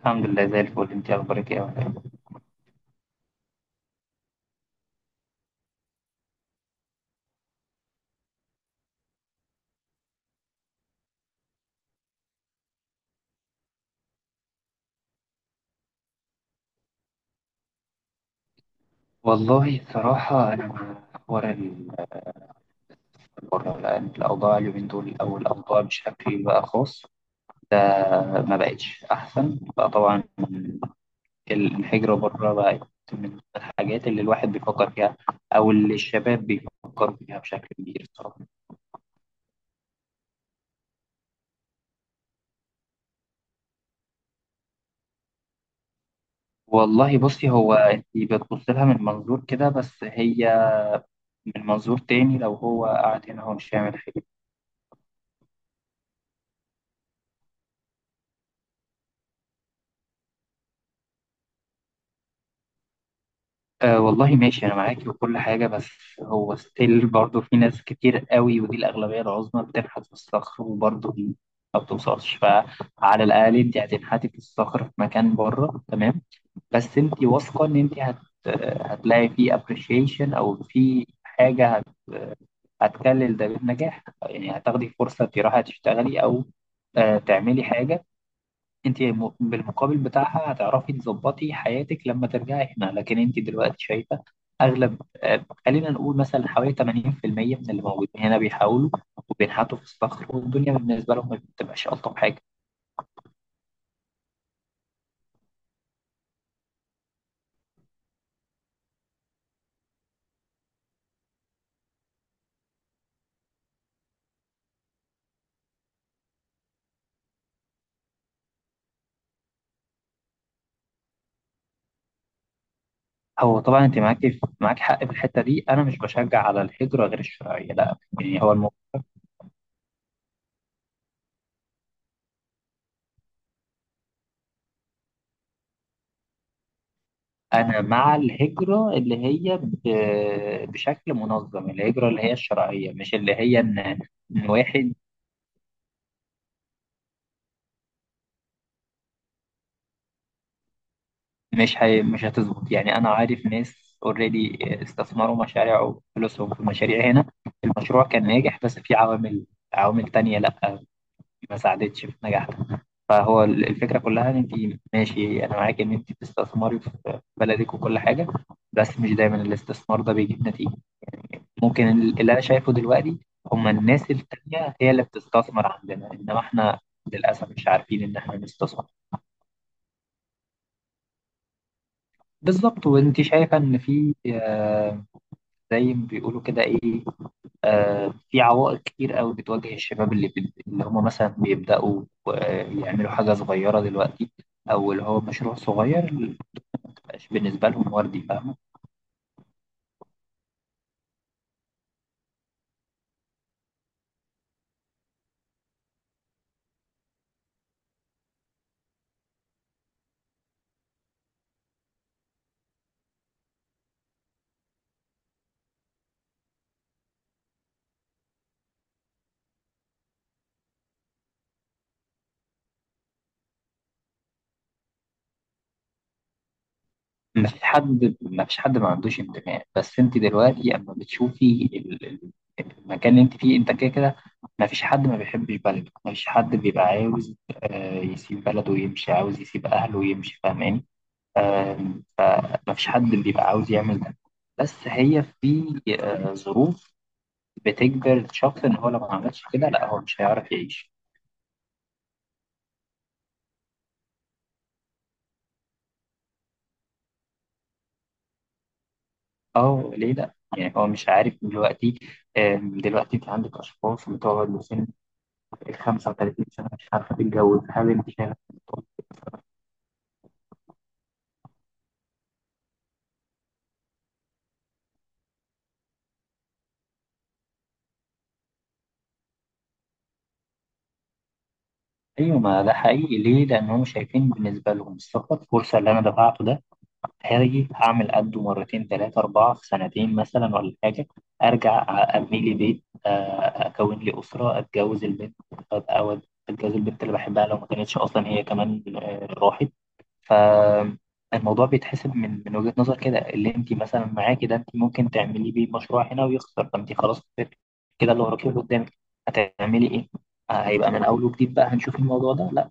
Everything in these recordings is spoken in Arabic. الحمد لله زي الفل، انت اخبارك ايه يا وفاء؟ والله صراحة انا مع حوار البره، لان الاوضاع اليومين دول او الاوضاع بشكل بقى خاص ده ما بقتش احسن بقى طبعا. الانحجر بره بقت من الحاجات اللي الواحد بيفكر فيها، او اللي الشباب بيفكروا فيها بشكل كبير الصراحة. والله بصي، هو انت بتبص لها من منظور كده، بس هي من منظور تاني لو هو قاعد هنا هو مش هيعمل حاجة. أه والله ماشي، أنا معاكي وكل حاجة، بس هو ستيل برضه في ناس كتير قوي، ودي الأغلبية العظمى بتنحت في الصخر، وبرضه دي ما بتوصلش. فعلى الأقل أنت هتنحتي في الصخر في مكان بره، تمام، بس أنت واثقة إن أنت هتلاقي فيه appreciation أو في حاجة، هت... هتكلل ده بالنجاح؟ يعني هتاخدي فرصة تروحي تشتغلي أو تعملي حاجة. بالمقابل بتاعها هتعرفي تظبطي حياتك لما ترجعي هنا. لكن انت دلوقتي شايفه اغلب، خلينا نقول مثلا حوالي 80% من اللي موجودين هنا بيحاولوا وبينحتوا في الصخر، والدنيا بالنسبه لهم ما بتبقاش الطف حاجه. هو طبعا انت معاكي، معاك حق في الحته دي. انا مش بشجع على الهجره غير الشرعيه، لا، يعني هو الموضوع، انا مع الهجره اللي هي بشكل منظم، الهجره اللي هي الشرعيه، مش اللي هي ان إن واحد، مش هتظبط. يعني انا عارف ناس اوريدي استثمروا مشاريع وفلوسهم في مشاريع هنا، المشروع كان ناجح، بس في عوامل، عوامل تانية لا ما ساعدتش في نجاح ده. فهو الفكرة كلها ان انت، ماشي انا معاك ان انت بتستثمري في بلدك وكل حاجة، بس مش دايما الاستثمار ده بيجيب نتيجة. ممكن اللي انا شايفه دلوقتي هما الناس التانية هي اللي بتستثمر عندنا، انما احنا للأسف مش عارفين ان احنا نستثمر. بالظبط، وانت شايفة ان في، زي ما بيقولوا كده ايه، في عوائق كتير قوي بتواجه الشباب، اللي هم مثلا بيبداوا يعملوا حاجه صغيره دلوقتي، او اللي هو مشروع صغير، ما بتبقاش بالنسبه لهم وردي، فاهمه. ما فيش حد ما عندوش انتماء، بس انت دلوقتي اما بتشوفي المكان اللي انت فيه انت كده كده. ما فيش حد ما بيحبش بلده، ما فيش حد بيبقى عاوز يسيب بلده ويمشي، عاوز يسيب اهله ويمشي، فاهماني؟ فمفيش حد بيبقى عاوز يعمل ده، بس هي في، ظروف بتجبر الشخص ان هو لو ما عملش كده لا هو مش هيعرف يعيش. اه، ليه لا، يعني هو مش عارف دلوقتي. دلوقتي انت عندك اشخاص بتقعد لسن ال 35 سنه مش عارفه تتجوز، هل انت شايف؟ ايوه، ما ده حقيقي. ليه؟ لان هم شايفين بالنسبه لهم السفر فرصه. اللي انا دفعته ده هاجي هعمل قده مرتين تلاتة أربعة في سنتين مثلا ولا حاجة. أرجع أبني لي بيت، أكون لي أسرة، أتجوز البنت، أبقى أود، أتجوز البنت اللي بحبها، لو ما كانتش أصلا هي كمان راحت. فالموضوع بيتحسب من وجهة نظر كده. اللي أنت مثلا معاكي ده أنت ممكن تعملي بيه مشروع هنا ويخسر، فأنت خلاص كده اللي وراكي واللي قدامك، هتعملي إيه؟ هيبقى من أول وجديد بقى، هنشوف الموضوع ده.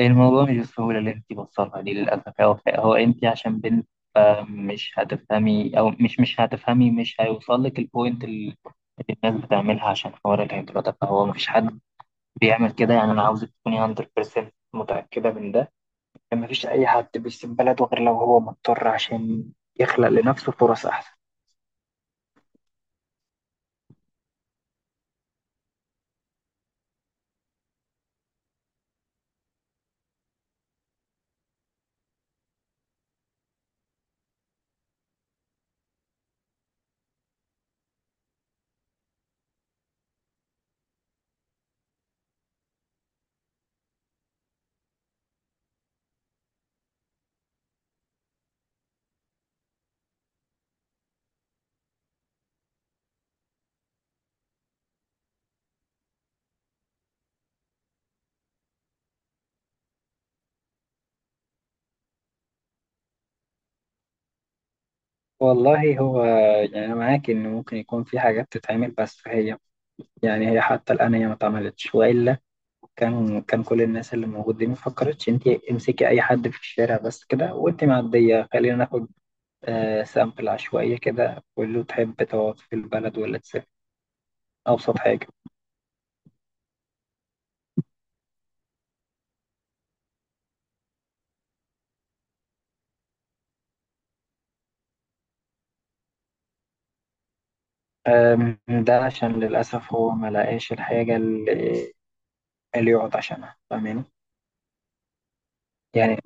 الموضوع مش بالسهولة اللي انت بتصلها دي للأسف. هو انت عشان بنت مش هتفهمي، أو مش هتفهمي، مش هيوصل لك البوينت اللي الناس بتعملها عشان حوار الهجرة ده. فهو مفيش حد بيعمل كده، يعني أنا عاوزك تكوني 100% متأكدة من ده، إن مفيش أي حد بيسيب بلده غير لو هو مضطر عشان يخلق لنفسه فرص أحسن. والله هو، يعني أنا معاك إن ممكن يكون في حاجات تتعمل، بس هي يعني هي حتى الآن هي ما اتعملتش، وإلا كان كل الناس اللي موجودين ما فكرتش. انت امسكي اي حد في الشارع بس كده وانت معديه، خلينا ناخد سامبل عشوائيه كده، قول له تحب تقعد في البلد ولا تسافر؟ ابسط حاجه. ده عشان للاسف هو ما لقاش الحاجه اللي, اللي يقعد عشانها، فاهماني؟ يعني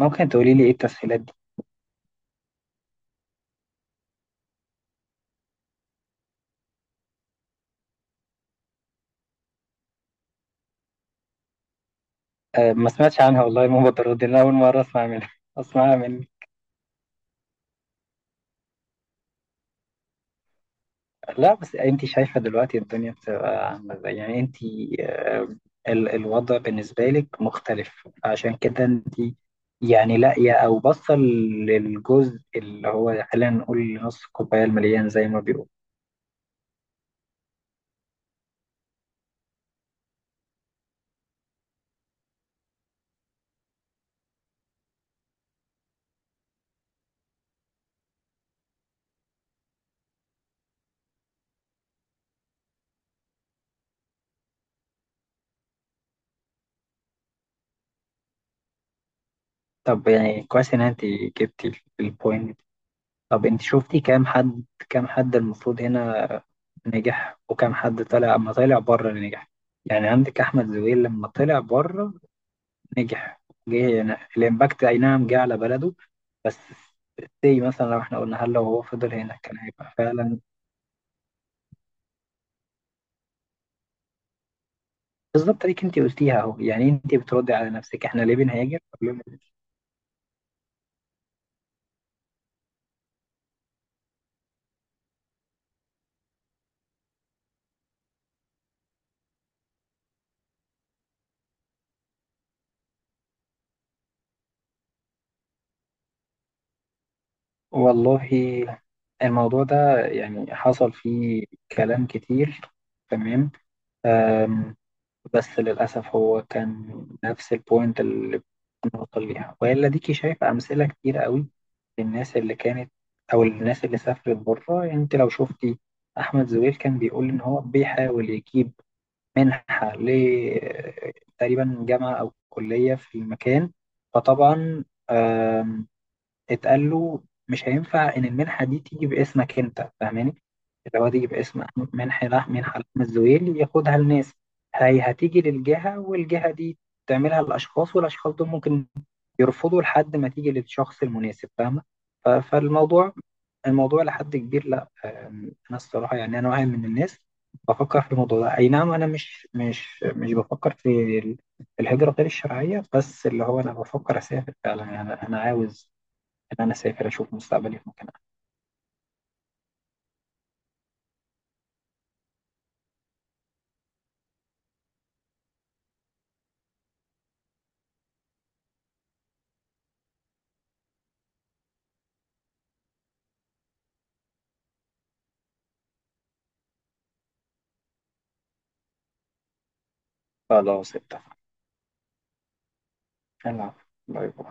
ممكن تقولي لي ايه التسهيلات دي؟ آه، ما سمعتش عنها والله. المبادرات دي انا اول مره اسمع منها، اسمعها. لا، بس انت شايفه دلوقتي الدنيا بتبقى عامله ازاي؟ يعني انت، آه، الوضع بالنسبه لك مختلف، عشان كده انت يعني لاقيه او باصه للجزء اللي هو، خلينا نقول، نص الكوبايه المليان، زي ما بيقول. طب يعني كويس ان انت جبتي البوينت. طب انت شفتي كام حد، كام حد المفروض هنا نجح، وكام حد طلع، اما طلع بره اللي نجح؟ يعني عندك احمد زويل لما طلع بره نجح، جه يعني الإمباكت أي نعم جه على بلده، بس زي مثلا لو احنا قلنا هل لو هو فضل هنا كان هيبقى فعلا؟ بالظبط، اللي انت قلتيها اهو، يعني انت بتردي على نفسك، احنا ليه بنهاجر، ليه بنهاجر؟ والله الموضوع ده يعني حصل فيه كلام كتير، تمام، بس للأسف هو كان نفس البوينت اللي بنوصل ليها. وإلا ديكي شايف أمثلة كتير قوي للناس اللي كانت، أو الناس اللي سافرت بره. يعني أنت لو شفتي أحمد زويل كان بيقول إن هو بيحاول يجيب منحة ل، تقريبا جامعة أو كلية في المكان، فطبعا اتقال له مش هينفع ان المنحه دي تيجي باسمك انت، فاهماني؟ اللي هو تيجي باسم أحمد منحي، راح منحه لحم الزويل ياخدها لناس. هي هتيجي للجهه، والجهه دي تعملها للاشخاص، والاشخاص دول ممكن يرفضوا لحد ما تيجي للشخص المناسب، فاهمه. فالموضوع، الموضوع لحد كبير لا. انا الصراحه يعني انا واحد من الناس بفكر في الموضوع ده، اي نعم، انا مش بفكر في ال- الهجره غير الشرعيه، بس اللي هو انا بفكر اسافر فعلا. يعني انا عاوز إن أنا أسافر أشوف مستقبلي في مكان أحسن. خلاص اتفقنا. العفو. باي باي.